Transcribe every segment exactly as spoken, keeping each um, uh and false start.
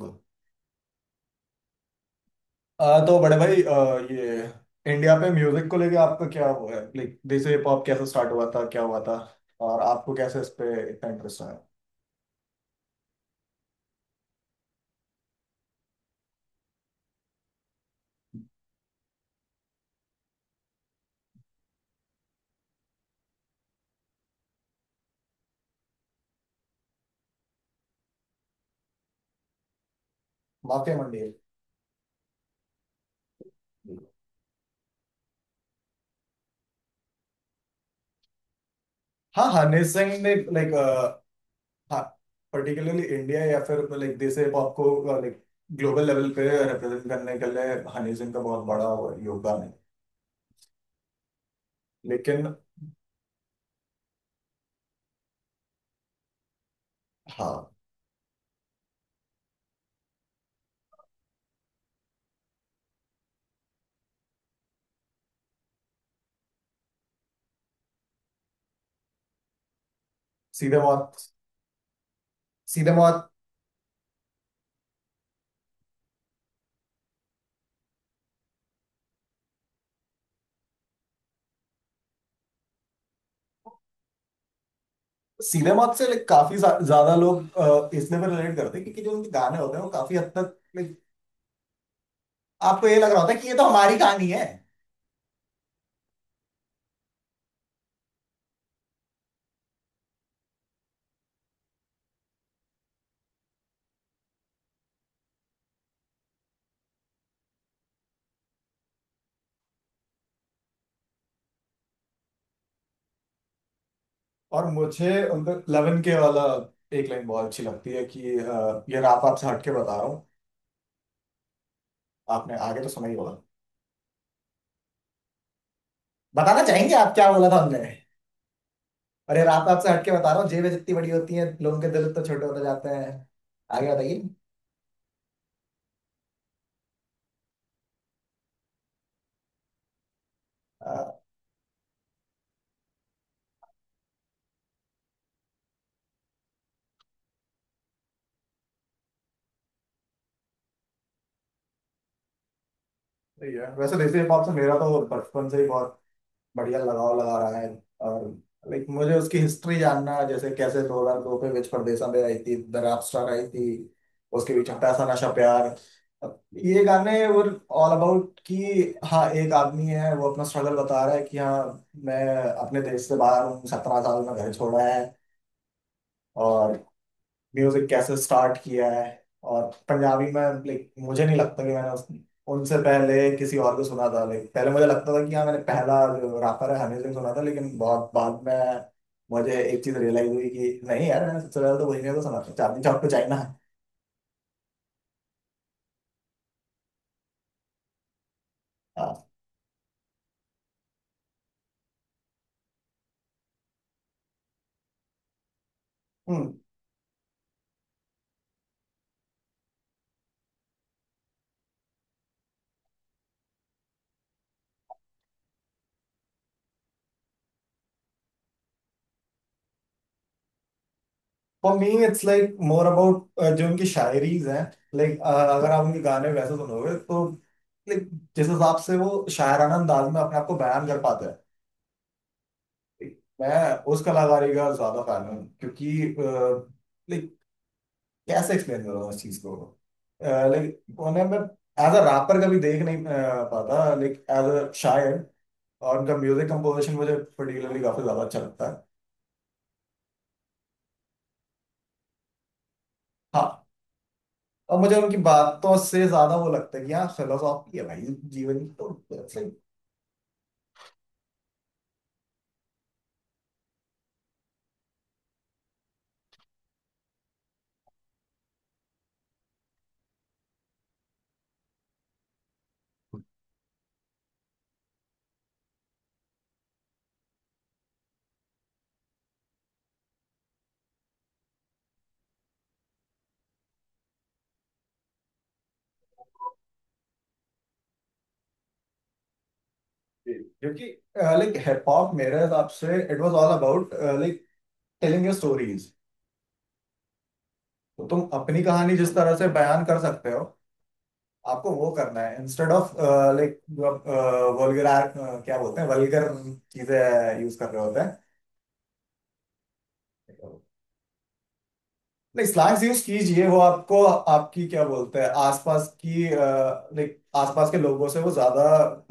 आ, तो बड़े भाई आ, ये इंडिया पे म्यूजिक को लेके आपका क्या हुआ है लाइक जैसे हिप हॉप कैसे स्टार्ट हुआ था क्या हुआ था और आपको कैसे इस पे इतना इंटरेस्ट आया। माफिया मंडी है। हाँ हनी सिंह ने लाइक हाँ पर्टिकुलरली इंडिया या फिर लाइक जैसे हिप हॉप को लाइक ग्लोबल लेवल पे रिप्रेजेंट करने के लिए हनी सिंह का बहुत बड़ा वो है, योगदान है। लेकिन हाँ सीधे मौत। सीधे मौत। सीधे मौत से लाइक काफी ज्या- ज्यादा लोग अ, इसलिए भी रिलेट करते हैं क्योंकि जो उनके गाने होते हैं वो काफी हद तक like, आपको ये लग रहा होता है कि ये तो हमारी कहानी है। और मुझे उनका लेवन के वाला एक लाइन बहुत अच्छी लगती है कि अ, ये रात आपसे हटके बता रहा हूँ। आपने आगे तो सुना ही होगा। बताना चाहेंगे आप क्या बोला था हमने। और ये रात आपसे हटके बता रहा हूँ जेबें जितनी बड़ी होती हैं लोगों के दिल तो छोटे होते जाते हैं। आगे बताइए। अ, सही है। वैसे देसी हिप हॉप से मेरा तो बचपन से ही बहुत बढ़िया लगाव लगा रहा है। और लाइक मुझे उसकी हिस्ट्री जानना जैसे कैसे दो हज़ार दो में विच परदेसा में आई थी द रैप स्टार आई थी। उसके भी छोटा सा नशा प्यार। अब ये गाने वो ऑल अबाउट कि हाँ एक आदमी है वो अपना स्ट्रगल बता रहा है कि हाँ मैं अपने देश से बाहर हूँ सत्रह साल में घर छोड़ा है। और म्यूजिक कैसे स्टार्ट किया है। और पंजाबी में लाइक मुझे नहीं लगता कि मैंने उस, उनसे पहले किसी और को सुना था। लाइक पहले मुझे लगता था कि हाँ मैंने पहला जो रैपर है हनी सिंह सुना था लेकिन बहुत बाद में मुझे एक चीज रियलाइज हुई कि नहीं यार मैंने सबसे पहले तो वही ने तो सुना था Chandni Chowk to China. For me it's like more about जो उनकी शायरीज हैं। लाइक अगर आप उनके गाने वैसे सुनोगे तो लाइक जिस हिसाब से वो शायराना अंदाज में अपने आप को बयान कर पाते हैं। मैं उस कलाकारी का ज्यादा फैन हूँ क्योंकि लाइक कैसे एक्सप्लेन करूँ उस चीज को। लाइक उन्हें मैं एज अ रैपर कभी देख नहीं अ, पाता। लाइक एज अ शायर। और उनका म्यूजिक कंपोजिशन मुझे पर्टिकुलरली काफी ज्यादा अच्छा लगता है। हाँ और मुझे उनकी बातों से ज्यादा वो लगता है कि हाँ फिलोसॉफी है भाई जीवन की तो it's like- क्योंकि लाइक हिप हॉप मेरे हिसाब से it was all about like telling your stories. तो तुम अपनी कहानी जिस तरह से बयान कर सकते हो आपको वो करना है इंस्टेड ऑफ लाइक जो आप वल्गर क्या बोलते हैं वल्गर चीजें यूज कर रहे होते हैं। नहीं स्लैंग्स यूज कीजिए वो आपको आपकी क्या बोलते हैं आसपास की लाइक आसपास के लोगों से वो ज्यादा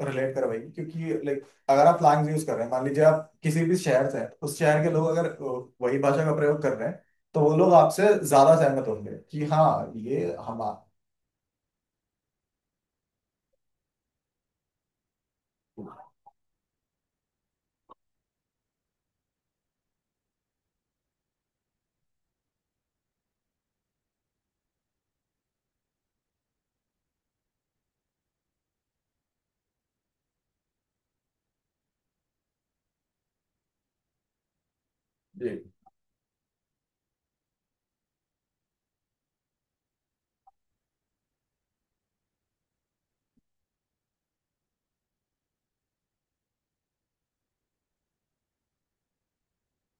रिलेट करवाएगी क्योंकि लाइक अगर आप स्लैंग्स यूज कर रहे हैं मान लीजिए आप किसी भी शहर से हैं उस शहर के लोग अगर अ, वही भाषा का प्रयोग कर रहे हैं तो वो लोग आपसे ज्यादा सहमत होंगे कि हाँ ये हम ये।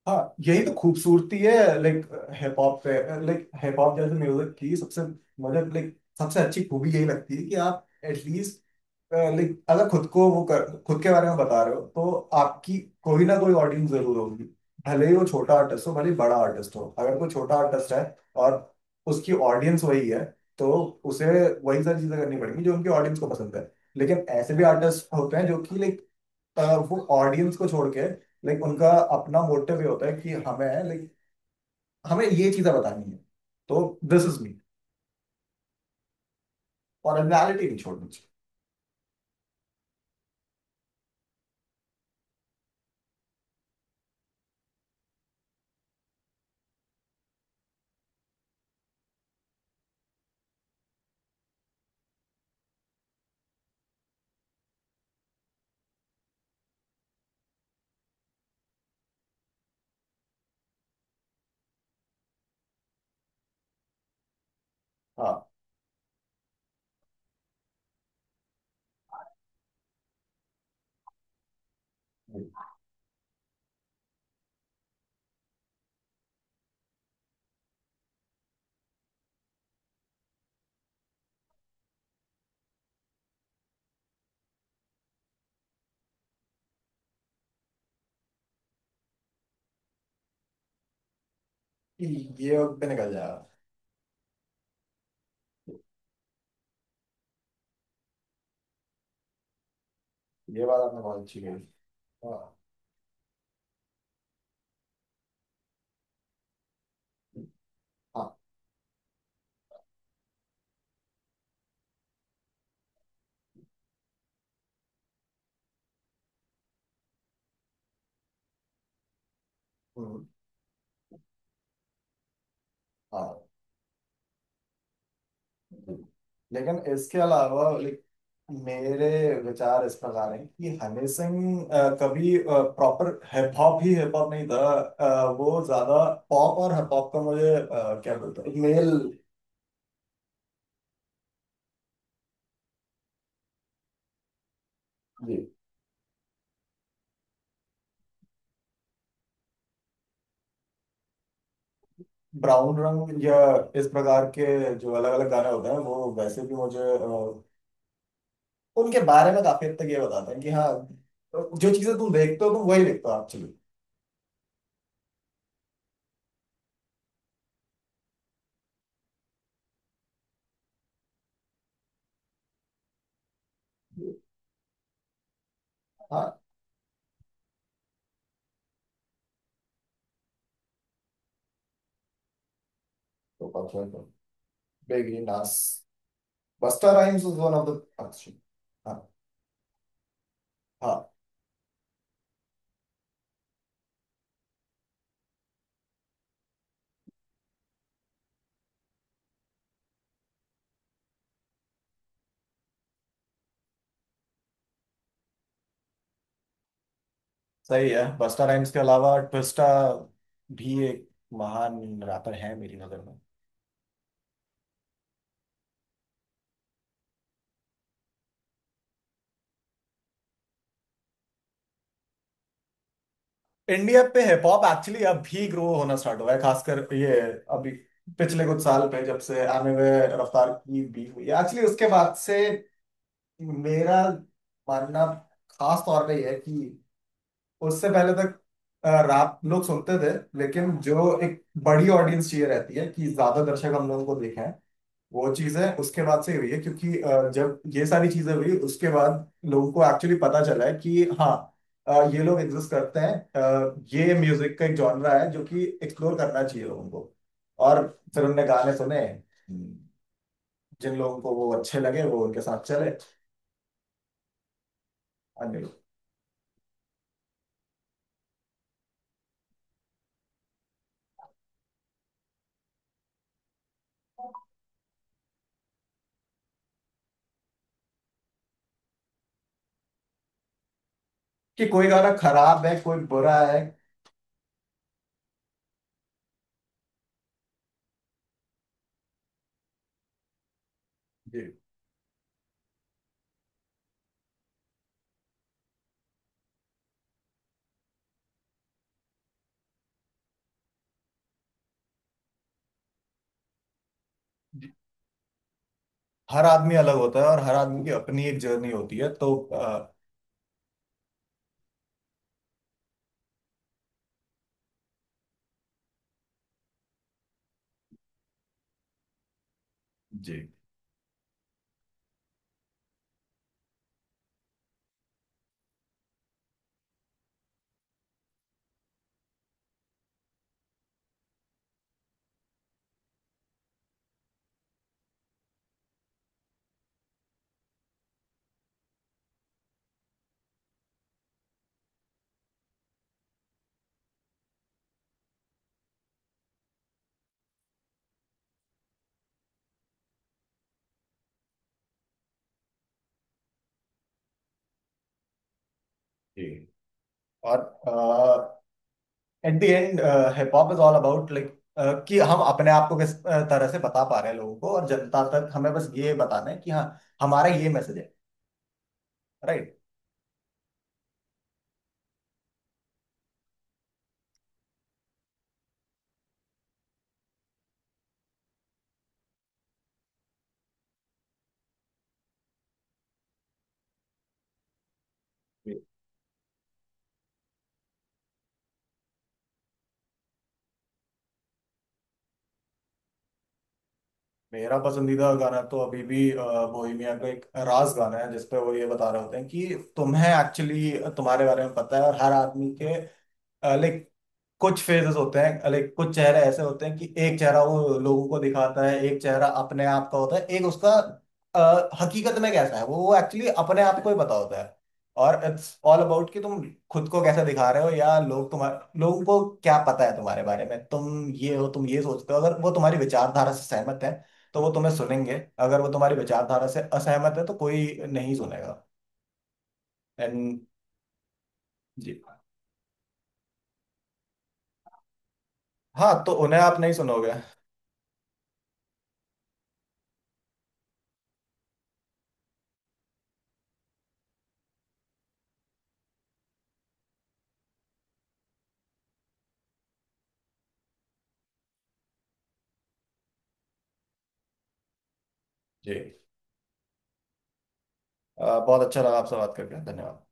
हाँ यही तो खूबसूरती है। लाइक हिप हॉप पे लाइक हिप हॉप जैसे म्यूजिक की सबसे मतलब लाइक सबसे अच्छी खूबी यही लगती है कि आप एटलीस्ट लाइक अगर खुद को वो कर खुद के बारे में बता रहे हो तो आपकी कोई ना कोई ऑडियंस जरूर होगी। भले ही वो छोटा आर्टिस्ट हो भले ही बड़ा आर्टिस्ट हो अगर कोई छोटा आर्टिस्ट है और उसकी ऑडियंस वही है तो उसे वही सारी चीजें करनी पड़ेंगी जो उनकी ऑडियंस को पसंद है। लेकिन ऐसे भी आर्टिस्ट होते हैं जो कि लाइक अ, वो ऑडियंस को छोड़ के लाइक उनका अपना मोटिव ये होता है कि हमें लाइक हमें ये चीजें बतानी है। तो दिस इज मी। ओरिजिनलिटी नहीं छोड़नी चाहिए। हाँ ये ये वक्त पे निकल जाएगा। ये बात आपने बहुत अच्छी कही। हाँ। हाँ। हम्म, हाँ लेकिन इसके अलावा लाइक मेरे विचार इस प्रकार हैं कि हनी सिंह अ, कभी प्रॉपर हिप हॉप ही हिप हॉप नहीं था। अ, वो ज्यादा पॉप और हिप हॉप का मुझे अ, क्या बोलते हैं मेल ये ब्राउन रंग या इस प्रकार के जो अलग अलग गाने होते हैं वो वैसे भी मुझे अ, उनके बारे में काफी हद तक ये बताते हैं कि हाँ जो चीजें तुम देखते हो तुम वही देखते हो एक्चुअली। हाँ तो Biggie Nas Busta Rhymes was one of the. हाँ सही है। बस्ता राइम्स के अलावा ट्विस्टा भी एक महान रैपर है मेरी नजर में। इंडिया पे हिप हॉप एक्चुअली अब भी ग्रो होना स्टार्ट हुआ है खासकर ये अभी पिछले कुछ साल पे जब से आने में रफ्तार की बीफ हुई है एक्चुअली उसके बाद से मेरा मानना खास तौर पे ये है कि उससे पहले तक रैप लोग सुनते थे लेकिन जो एक बड़ी ऑडियंस चाहिए रहती है कि ज्यादा दर्शक हम लोगों को देखें वो चीजें उसके बाद से हुई है क्योंकि अ, जब ये सारी चीजें हुई उसके बाद लोगों को एक्चुअली पता चला है कि हाँ अ, ये लोग एग्जिस्ट करते हैं। अ, ये म्यूजिक का एक जॉनरा है जो कि एक्सप्लोर करना चाहिए लोगों को। और फिर उनने गाने सुने जिन लोगों को वो अच्छे लगे वो उनके साथ चले अन्य लोग कि कोई गाना खराब है कोई बुरा है। जी हर आदमी अलग होता है और हर आदमी की अपनी एक जर्नी होती है तो अ, जी। जी और at the end hip hop is all about like कि हम अपने आप को किस uh, तरह से बता पा रहे हैं लोगों को और जनता तक हमें बस ये बताना है कि हाँ हमारा ये मैसेज है। राइट मेरा पसंदीदा गाना तो अभी भी बोहेमिया का एक राज गाना है जिसपे वो ये बता रहे होते हैं कि तुम्हें एक्चुअली तुम्हारे बारे में पता है और हर आदमी के लाइक कुछ फेजेस होते हैं लाइक कुछ चेहरे ऐसे होते हैं कि एक चेहरा वो लोगों को दिखाता है एक चेहरा अपने आप का होता है एक उसका अ, हकीकत में कैसा है वो वो एक्चुअली अपने आप को ही पता होता है। और इट्स ऑल अबाउट कि तुम खुद को कैसे दिखा रहे हो या लोग तुम्हारे लोगों को क्या पता है तुम्हारे बारे में तुम ये हो तुम ये सोचते हो अगर वो तुम्हारी विचारधारा से सहमत है तो वो तुम्हें सुनेंगे अगर वो तुम्हारी विचारधारा से असहमत है तो कोई नहीं सुनेगा। एंड जी हाँ तो उन्हें आप नहीं सुनोगे। जी अ, बहुत अच्छा लगा आपसे बात करके धन्यवाद।